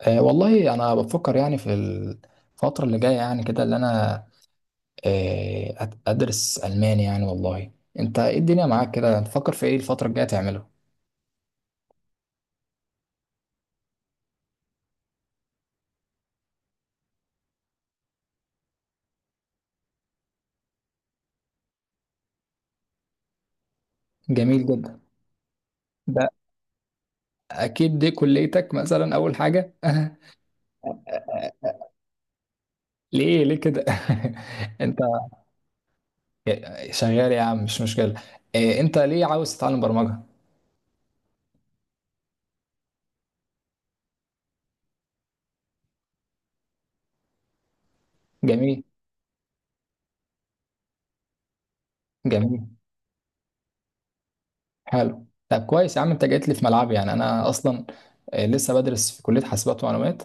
والله انا بفكر يعني في الفتره اللي جايه يعني كده اللي انا ادرس الماني يعني والله. انت ايه الدنيا معاك كده تفكر في ايه الفتره الجايه تعمله؟ جميل جدا. ده اكيد دي كليتك مثلا اول حاجه ليه ليه كده؟ انت شغال يا عم مش مشكله. أه انت ليه عاوز تتعلم برمجه؟ جميل. جميل. حلو. طب كويس يا عم انت جيت لي في ملعبي يعني انا اصلا أه لسه بدرس في كليه حاسبات ومعلومات.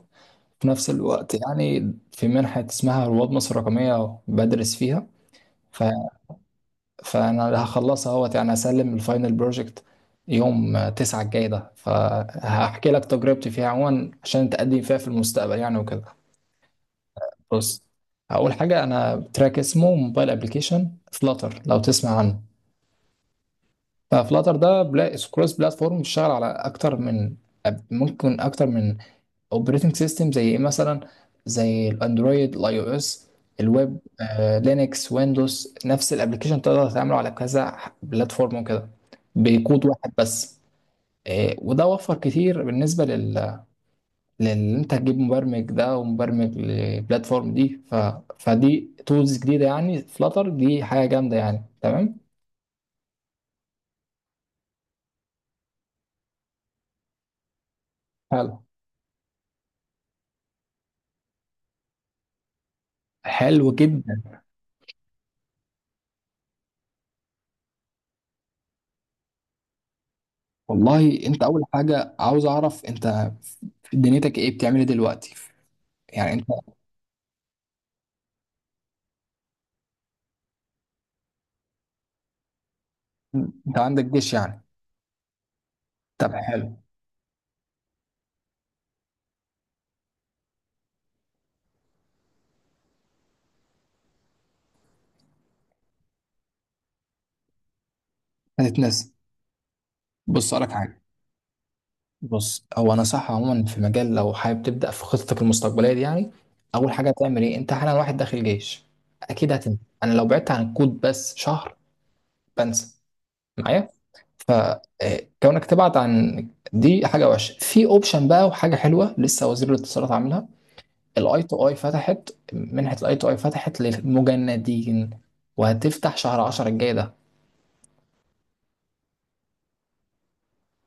في نفس الوقت يعني في منحة اسمها رواد مصر الرقمية بدرس فيها. ف... فأنا اللي هخلصها اهوت يعني هسلم الفاينل بروجكت يوم تسعة الجاي ده، فهحكي لك تجربتي فيها عموما عشان تقدم فيها في المستقبل يعني وكده. بص، أول حاجة أنا تراك اسمه موبايل أبليكيشن فلاتر لو تسمع عنه. ففلاتر ده كروس بلاتفورم بيشتغل على أكتر من ممكن أكتر من اوبريتنج سيستم، زي ايه مثلا؟ زي الاندرويد، الاي او اس، الويب، لينكس، ويندوز. نفس الابلكيشن تقدر تعمله على كذا بلاتفورم وكده بكود واحد بس. وده وفر كتير بالنسبه لل، لان انت تجيب مبرمج ده ومبرمج للبلاتفورم دي. فدي تولز جديده يعني، فلاتر دي حاجه جامده يعني. تمام. حلو. حلو جدا. والله انت اول حاجه عاوز اعرف انت دنيتك ايه، بتعمل ايه دلوقتي يعني؟ انت انت عندك جيش يعني؟ طب حلو. هتتنسى. بص لك حاجه. بص، هو انا صح عموما في مجال لو حابب تبدا في خطتك المستقبليه دي يعني. اول حاجه هتعمل ايه، انت حالا واحد داخل جيش، اكيد هتنسى. انا لو بعدت عن الكود بس شهر بنسى معايا. فكونك تبعد عن دي حاجه وحشه. في اوبشن بقى وحاجه حلوه لسه وزير الاتصالات عاملها، الاي تو اي فتحت منحه، الاي تو اي فتحت للمجندين وهتفتح شهر 10 الجاي ده.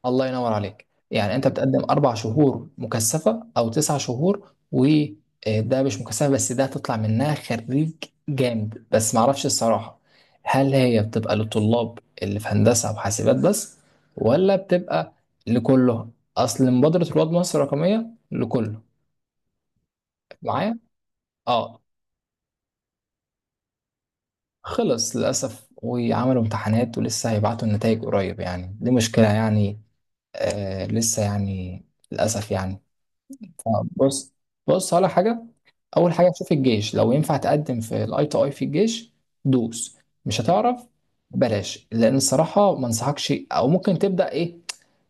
الله ينور عليك يعني، انت بتقدم اربع شهور مكثفه او تسع شهور وده مش مكثفه، بس ده هتطلع منها خريج جامد. بس معرفش الصراحه هل هي بتبقى للطلاب اللي في هندسه وحاسبات بس، ولا بتبقى لكله؟ اصل مبادره رواد مصر الرقميه لكله. معايا؟ اه خلص للاسف وعملوا امتحانات ولسه هيبعتوا النتائج قريب يعني، دي مشكله يعني. آه لسه يعني، للاسف يعني. بص. بص على حاجه. اول حاجه شوف الجيش لو ينفع تقدم في الاي تو اي في الجيش. دوس. مش هتعرف، بلاش، لان الصراحه ما انصحكش. او ممكن تبدا ايه،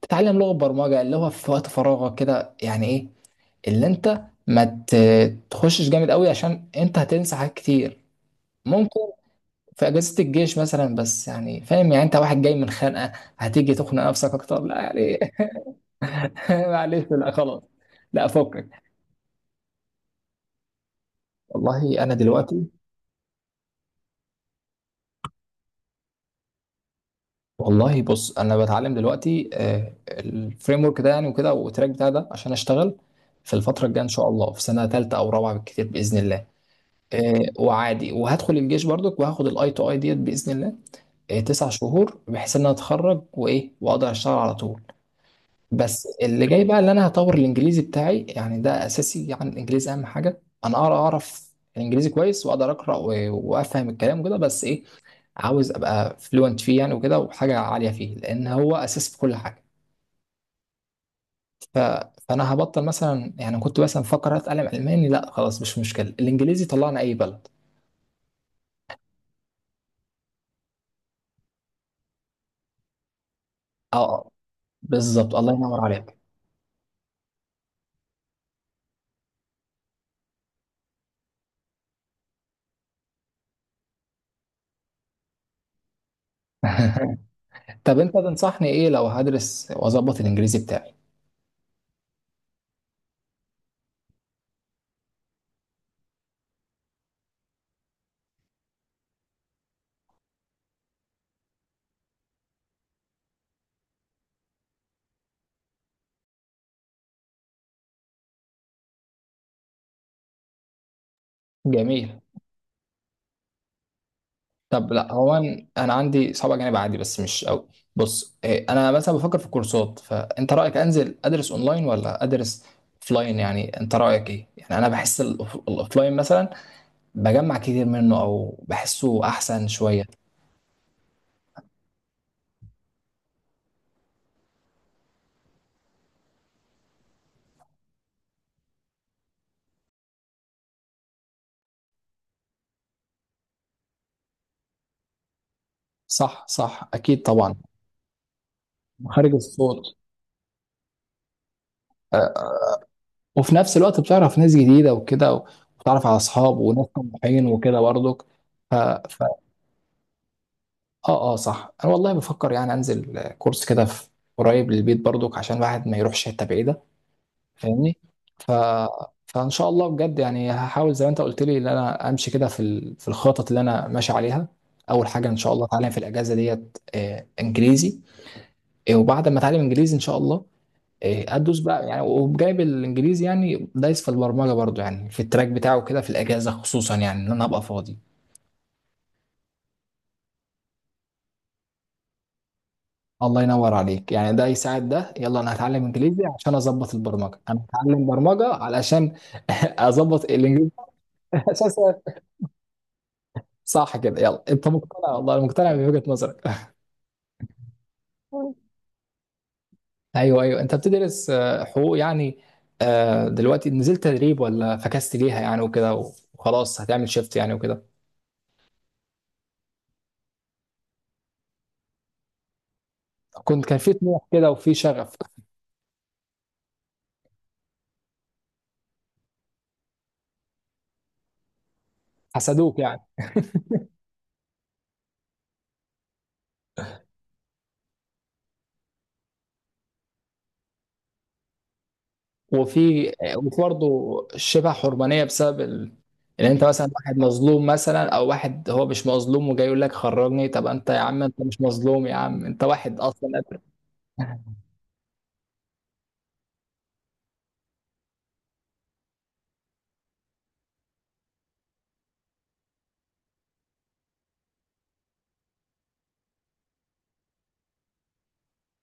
تتعلم لغه برمجه اللي هو في وقت فراغك كده يعني، ايه اللي انت ما ت- تخشش جامد قوي عشان انت هتنسى حاجات كتير. ممكن في اجازه الجيش مثلا، بس يعني فاهم يعني، انت واحد جاي من خانقه هتيجي تخنق نفسك اكتر؟ لا يعني معلش، لا خلاص، لا فكك. والله انا دلوقتي، والله بص انا بتعلم دلوقتي الفريم ورك ده يعني وكده، والتراك بتاع ده عشان اشتغل في الفتره الجايه ان شاء الله في سنه ثالثه او رابعه بالكتير باذن الله. وعادي، وهدخل الجيش برضك وهاخد الاي تو اي ديت باذن الله. تسع شهور بحيث ان انا اتخرج وايه واقدر اشتغل على طول. بس اللي جاي بقى ان انا هطور الانجليزي بتاعي يعني، ده اساسي يعني. الانجليزي اهم حاجه، انا اقرا اعرف الانجليزي كويس واقدر اقرا وافهم الكلام كده، بس ايه، عاوز ابقى فلوينت فيه يعني وكده، وحاجه عاليه فيه، لان هو اساس في كل حاجه. ف... فانا هبطل مثلا يعني، كنت مثلا مفكر اتعلم الماني، لا خلاص مش مشكله، الانجليزي طلعنا اي بلد. اه بالظبط الله ينور عليك. طب انت تنصحني ايه لو هدرس واظبط الانجليزي بتاعي؟ جميل. طب لا هو انا أنا عندي صعب جانب عادي بس مش قوي. بص انا مثلا بفكر في الكورسات، فانت رايك انزل ادرس اونلاين ولا ادرس اوفلاين يعني؟ انت رايك ايه يعني؟ انا بحس الاوفلاين مثلا بجمع كتير منه او بحسه احسن شويه. صح صح، اكيد طبعا. مخارج الصوت. آه، وفي نفس الوقت بتعرف ناس جديده وكده، وبتعرف على اصحاب وناس طموحين وكده برضك. ف... ف... اه اه صح، انا والله بفكر يعني انزل كورس كده في قريب للبيت برضك عشان الواحد ما يروحش حته بعيده، فاهمني؟ ف... فان شاء الله بجد يعني، هحاول زي ما انت قلت لي ان انا امشي كده في في الخطط اللي انا ماشي عليها. اول حاجه ان شاء الله اتعلم في الاجازه ديت انجليزي. وبعد ما اتعلم انجليزي ان شاء الله ادوس بقى يعني، وجايب الانجليزي يعني دايس في البرمجه برضو يعني في التراك بتاعه كده في الاجازه خصوصا يعني ان انا ابقى فاضي. الله ينور عليك، يعني ده يساعد ده، يلا انا هتعلم انجليزي عشان اظبط البرمجه، انا هتعلم برمجه علشان اظبط الانجليزي اساسا. صح كده، يلا انت مقتنع، والله أنا مقتنع بوجهه نظرك ايوه ايوه، انت بتدرس حقوق يعني. دلوقتي نزلت تدريب ولا فكست ليها يعني وكده، وخلاص هتعمل شيفت يعني وكده؟ كنت كان في طموح كده وفي شغف. حسدوك يعني. وفي وفي برضه شبه حرمانيه بسبب ان انت مثلا واحد مظلوم مثلا، او واحد هو مش مظلوم وجاي يقول لك خرجني، طب انت يا عم انت مش مظلوم يا عم، انت واحد اصلا قادر.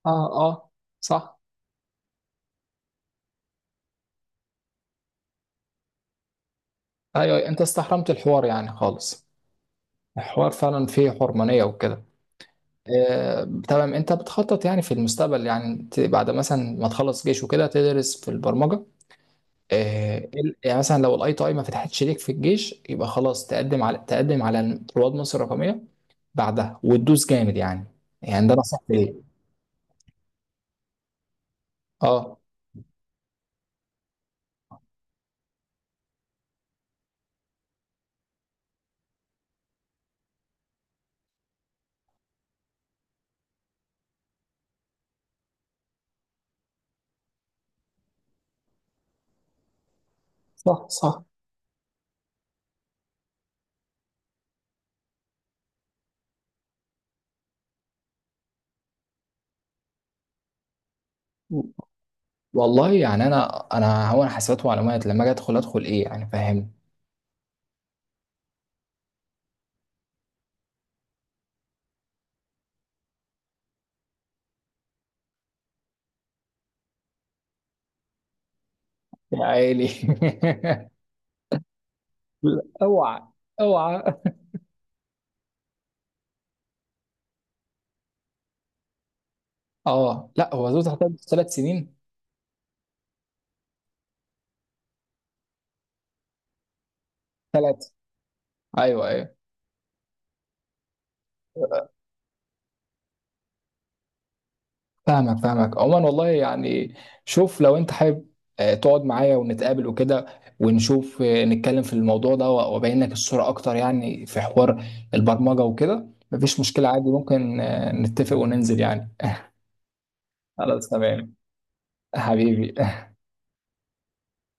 اه اه صح. ايوه انت استحرمت الحوار يعني خالص. الحوار فعلا فيه حرمانية وكده. تمام. انت بتخطط يعني في المستقبل يعني، بعد مثلا ما تخلص جيش وكده تدرس في البرمجة. يعني مثلا لو الاي تي اي ما فتحتش ليك في الجيش يبقى خلاص تقدم على، تقدم على رواد مصر الرقميه بعدها وتدوس جامد يعني. يعني ده نصيحتي ليه. اه صح صح. والله يعني انا انا هو، انا حسابات ومعلومات لما اجي ادخل ادخل ايه يعني، فاهمني؟ يا عيني لا، اوعى، اوعى. اه لا هو زود تحتها ثلاث سنين. ثلاث. ايوه ايوه. فاهمك فاهمك عموما، والله يعني شوف لو انت حابب تقعد معايا ونتقابل وكده ونشوف نتكلم في الموضوع ده وابين لك الصورة اكتر يعني، في حوار البرمجة وكده مفيش مشكلة عادي، ممكن نتفق وننزل يعني. خلاص تمام. حبيبي.